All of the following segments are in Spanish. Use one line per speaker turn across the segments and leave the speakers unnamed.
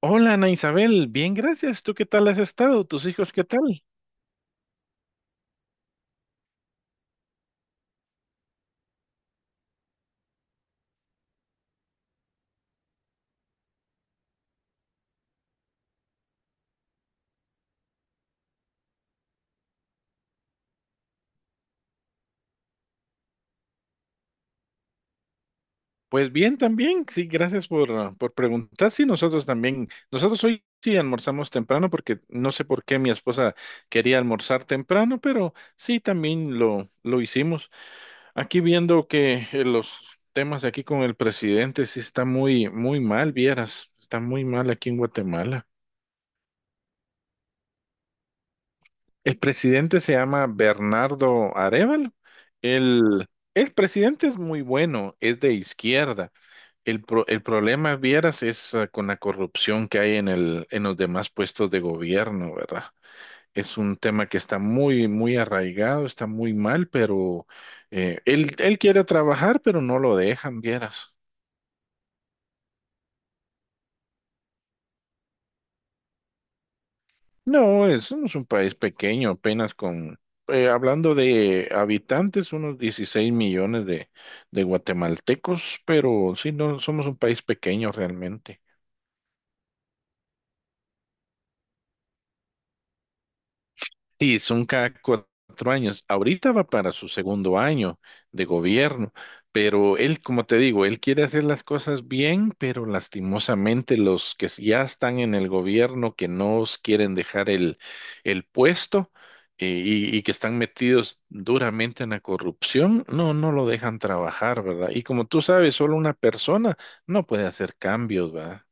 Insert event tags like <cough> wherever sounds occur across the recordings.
Hola, Ana Isabel, bien, gracias. ¿Tú qué tal has estado? ¿Tus hijos qué tal? Pues bien también, sí, gracias por preguntar. Sí, nosotros también. Nosotros hoy sí almorzamos temprano porque no sé por qué mi esposa quería almorzar temprano, pero sí, también lo hicimos. Aquí viendo que los temas de aquí con el presidente sí está muy, muy mal, vieras, está muy mal aquí en Guatemala. El presidente se llama Bernardo Arevalo. El, el presidente es muy bueno, es de izquierda. El problema, vieras, es con la corrupción que hay en en los demás puestos de gobierno, ¿verdad? Es un tema que está muy, muy arraigado, está muy mal, pero él quiere trabajar, pero no lo dejan, vieras. No, somos un país pequeño, apenas con hablando de habitantes, unos 16 millones de guatemaltecos, pero sí, no, somos un país pequeño realmente. Sí, son cada cuatro años. Ahorita va para su segundo año de gobierno, pero él, como te digo, él quiere hacer las cosas bien, pero lastimosamente los que ya están en el gobierno, que no os quieren dejar el puesto y que están metidos duramente en la corrupción, no, no lo dejan trabajar, ¿verdad? Y como tú sabes, solo una persona no puede hacer cambios, ¿verdad?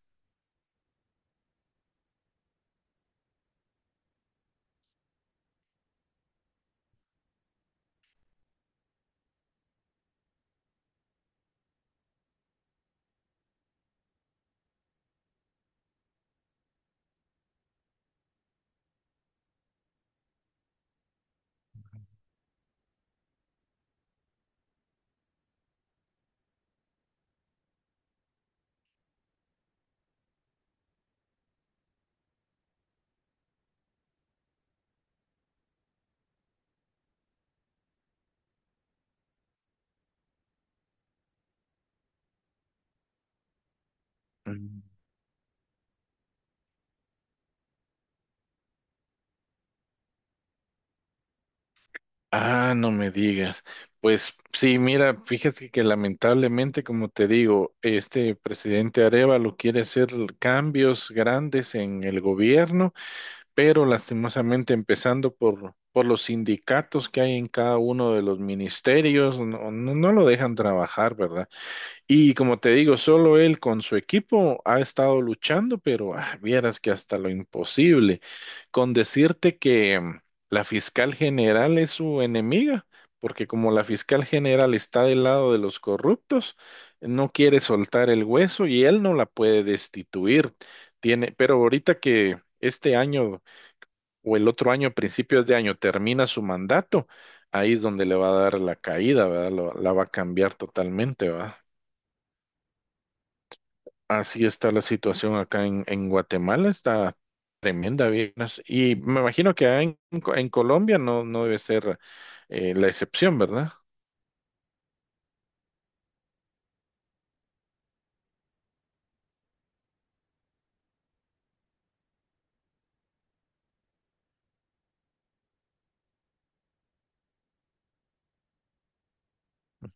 Ah, no me digas. Pues sí, mira, fíjate que lamentablemente, como te digo, este presidente Arevalo quiere hacer cambios grandes en el gobierno, pero lastimosamente empezando por los sindicatos que hay en cada uno de los ministerios, no, no, no lo dejan trabajar, ¿verdad? Y como te digo, solo él con su equipo ha estado luchando, pero vieras que hasta lo imposible. Con decirte que la fiscal general es su enemiga, porque como la fiscal general está del lado de los corruptos, no quiere soltar el hueso y él no la puede destituir. Tiene, pero ahorita que este año o el otro año, principios de año, termina su mandato, ahí es donde le va a dar la caída, ¿verdad? La va a cambiar totalmente, ¿verdad? Así está la situación acá en Guatemala, está tremenda, vieras. Y me imagino que allá en Colombia no, no debe ser la excepción, ¿verdad?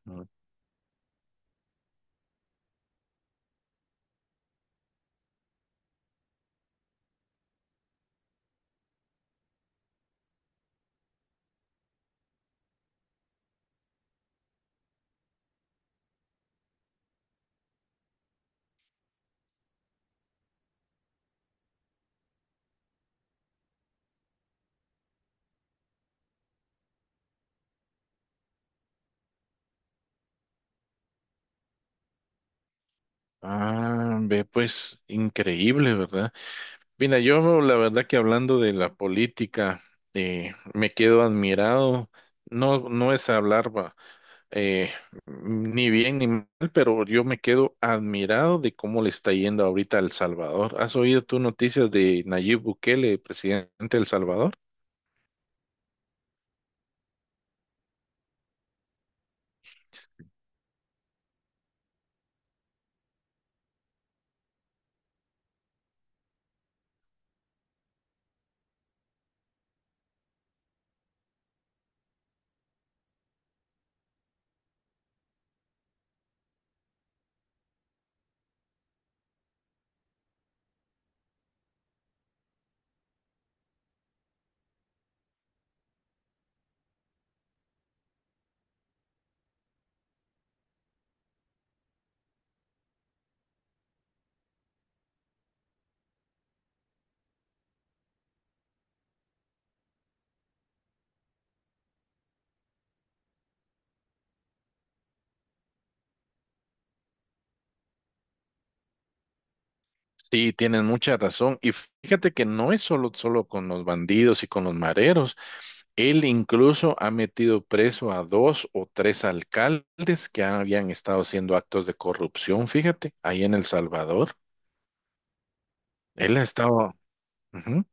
Ujú. Ah, ve, pues increíble, ¿verdad? Mira, yo la verdad que hablando de la política, me quedo admirado. No, no es hablar eh, ni bien ni mal, pero yo me quedo admirado de cómo le está yendo ahorita a El Salvador. ¿Has oído tú noticias de Nayib Bukele, presidente de El Salvador? Sí, tienen mucha razón. Y fíjate que no es solo con los bandidos y con los mareros. Él incluso ha metido preso a dos o tres alcaldes que habían estado haciendo actos de corrupción, fíjate, ahí en El Salvador. Él ha estado... Ujú.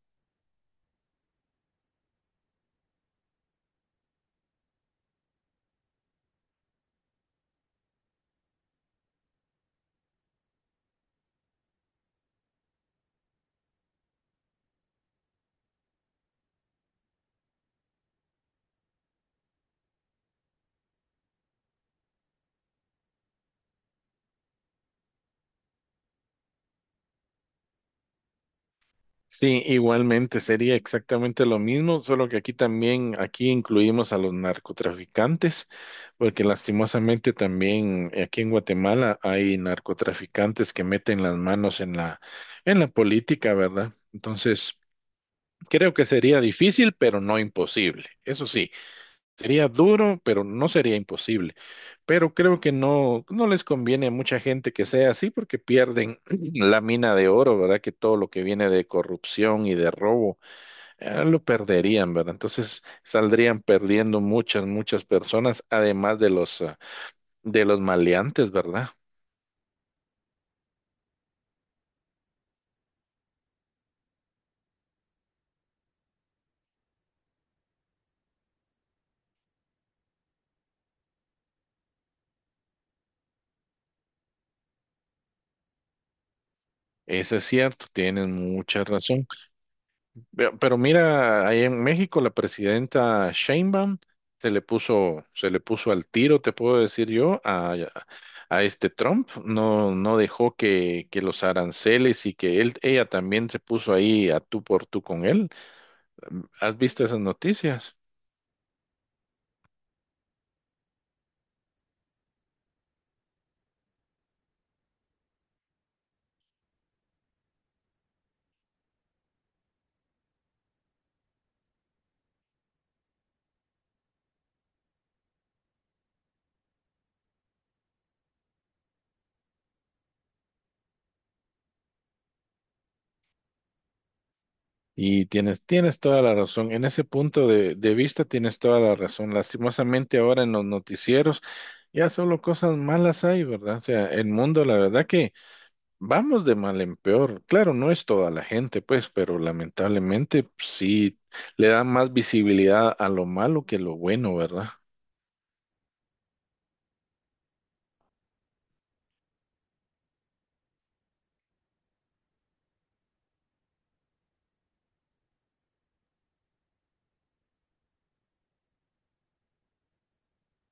Sí, igualmente sería exactamente lo mismo, solo que aquí también, aquí incluimos a los narcotraficantes, porque lastimosamente también aquí en Guatemala hay narcotraficantes que meten las manos en en la política, ¿verdad? Entonces, creo que sería difícil, pero no imposible. Eso sí. Sería duro, pero no sería imposible. Pero creo que no, no les conviene a mucha gente que sea así porque pierden <clears throat> la mina de oro, ¿verdad? Que todo lo que viene de corrupción y de robo, lo perderían, ¿verdad? Entonces saldrían perdiendo muchas, muchas personas, además de los de los maleantes, ¿verdad? Eso es cierto, tienen mucha razón. Pero mira, ahí en México la presidenta Sheinbaum se le puso al tiro, te puedo decir yo, a este Trump. No, no dejó que los aranceles y que él, ella también se puso ahí a tú por tú con él. ¿Has visto esas noticias? Y tienes toda la razón. En ese punto de vista tienes toda la razón. Lastimosamente ahora en los noticieros ya solo cosas malas hay, ¿verdad? O sea, el mundo, la verdad que vamos de mal en peor. Claro, no es toda la gente, pues, pero lamentablemente sí le da más visibilidad a lo malo que lo bueno, ¿verdad?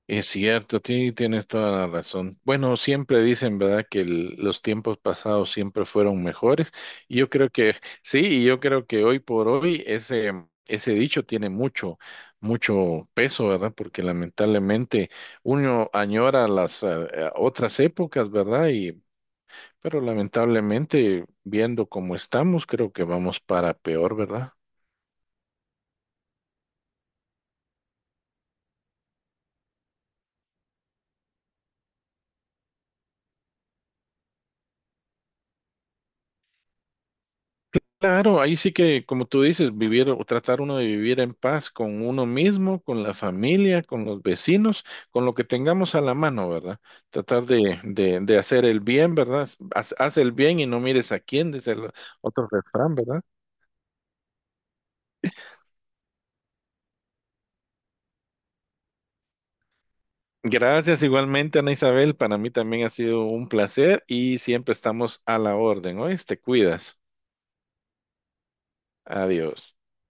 Es cierto, tienes toda la razón. Bueno, siempre dicen, ¿verdad?, que los tiempos pasados siempre fueron mejores. Y yo creo que <laughs> sí, y yo creo que hoy por hoy ese dicho tiene mucho, mucho peso, ¿verdad? Porque lamentablemente uno añora las otras épocas, ¿verdad? Y pero lamentablemente, viendo cómo estamos, creo que vamos para peor, ¿verdad? Claro, ahí sí que, como tú dices, vivir o tratar uno de vivir en paz con uno mismo, con la familia, con los vecinos, con lo que tengamos a la mano, ¿verdad? Tratar de hacer el bien, ¿verdad? Haz el bien y no mires a quién, dice el otro refrán, ¿verdad? Gracias igualmente, Ana Isabel. Para mí también ha sido un placer y siempre estamos a la orden. Hoy te cuidas. Adiós.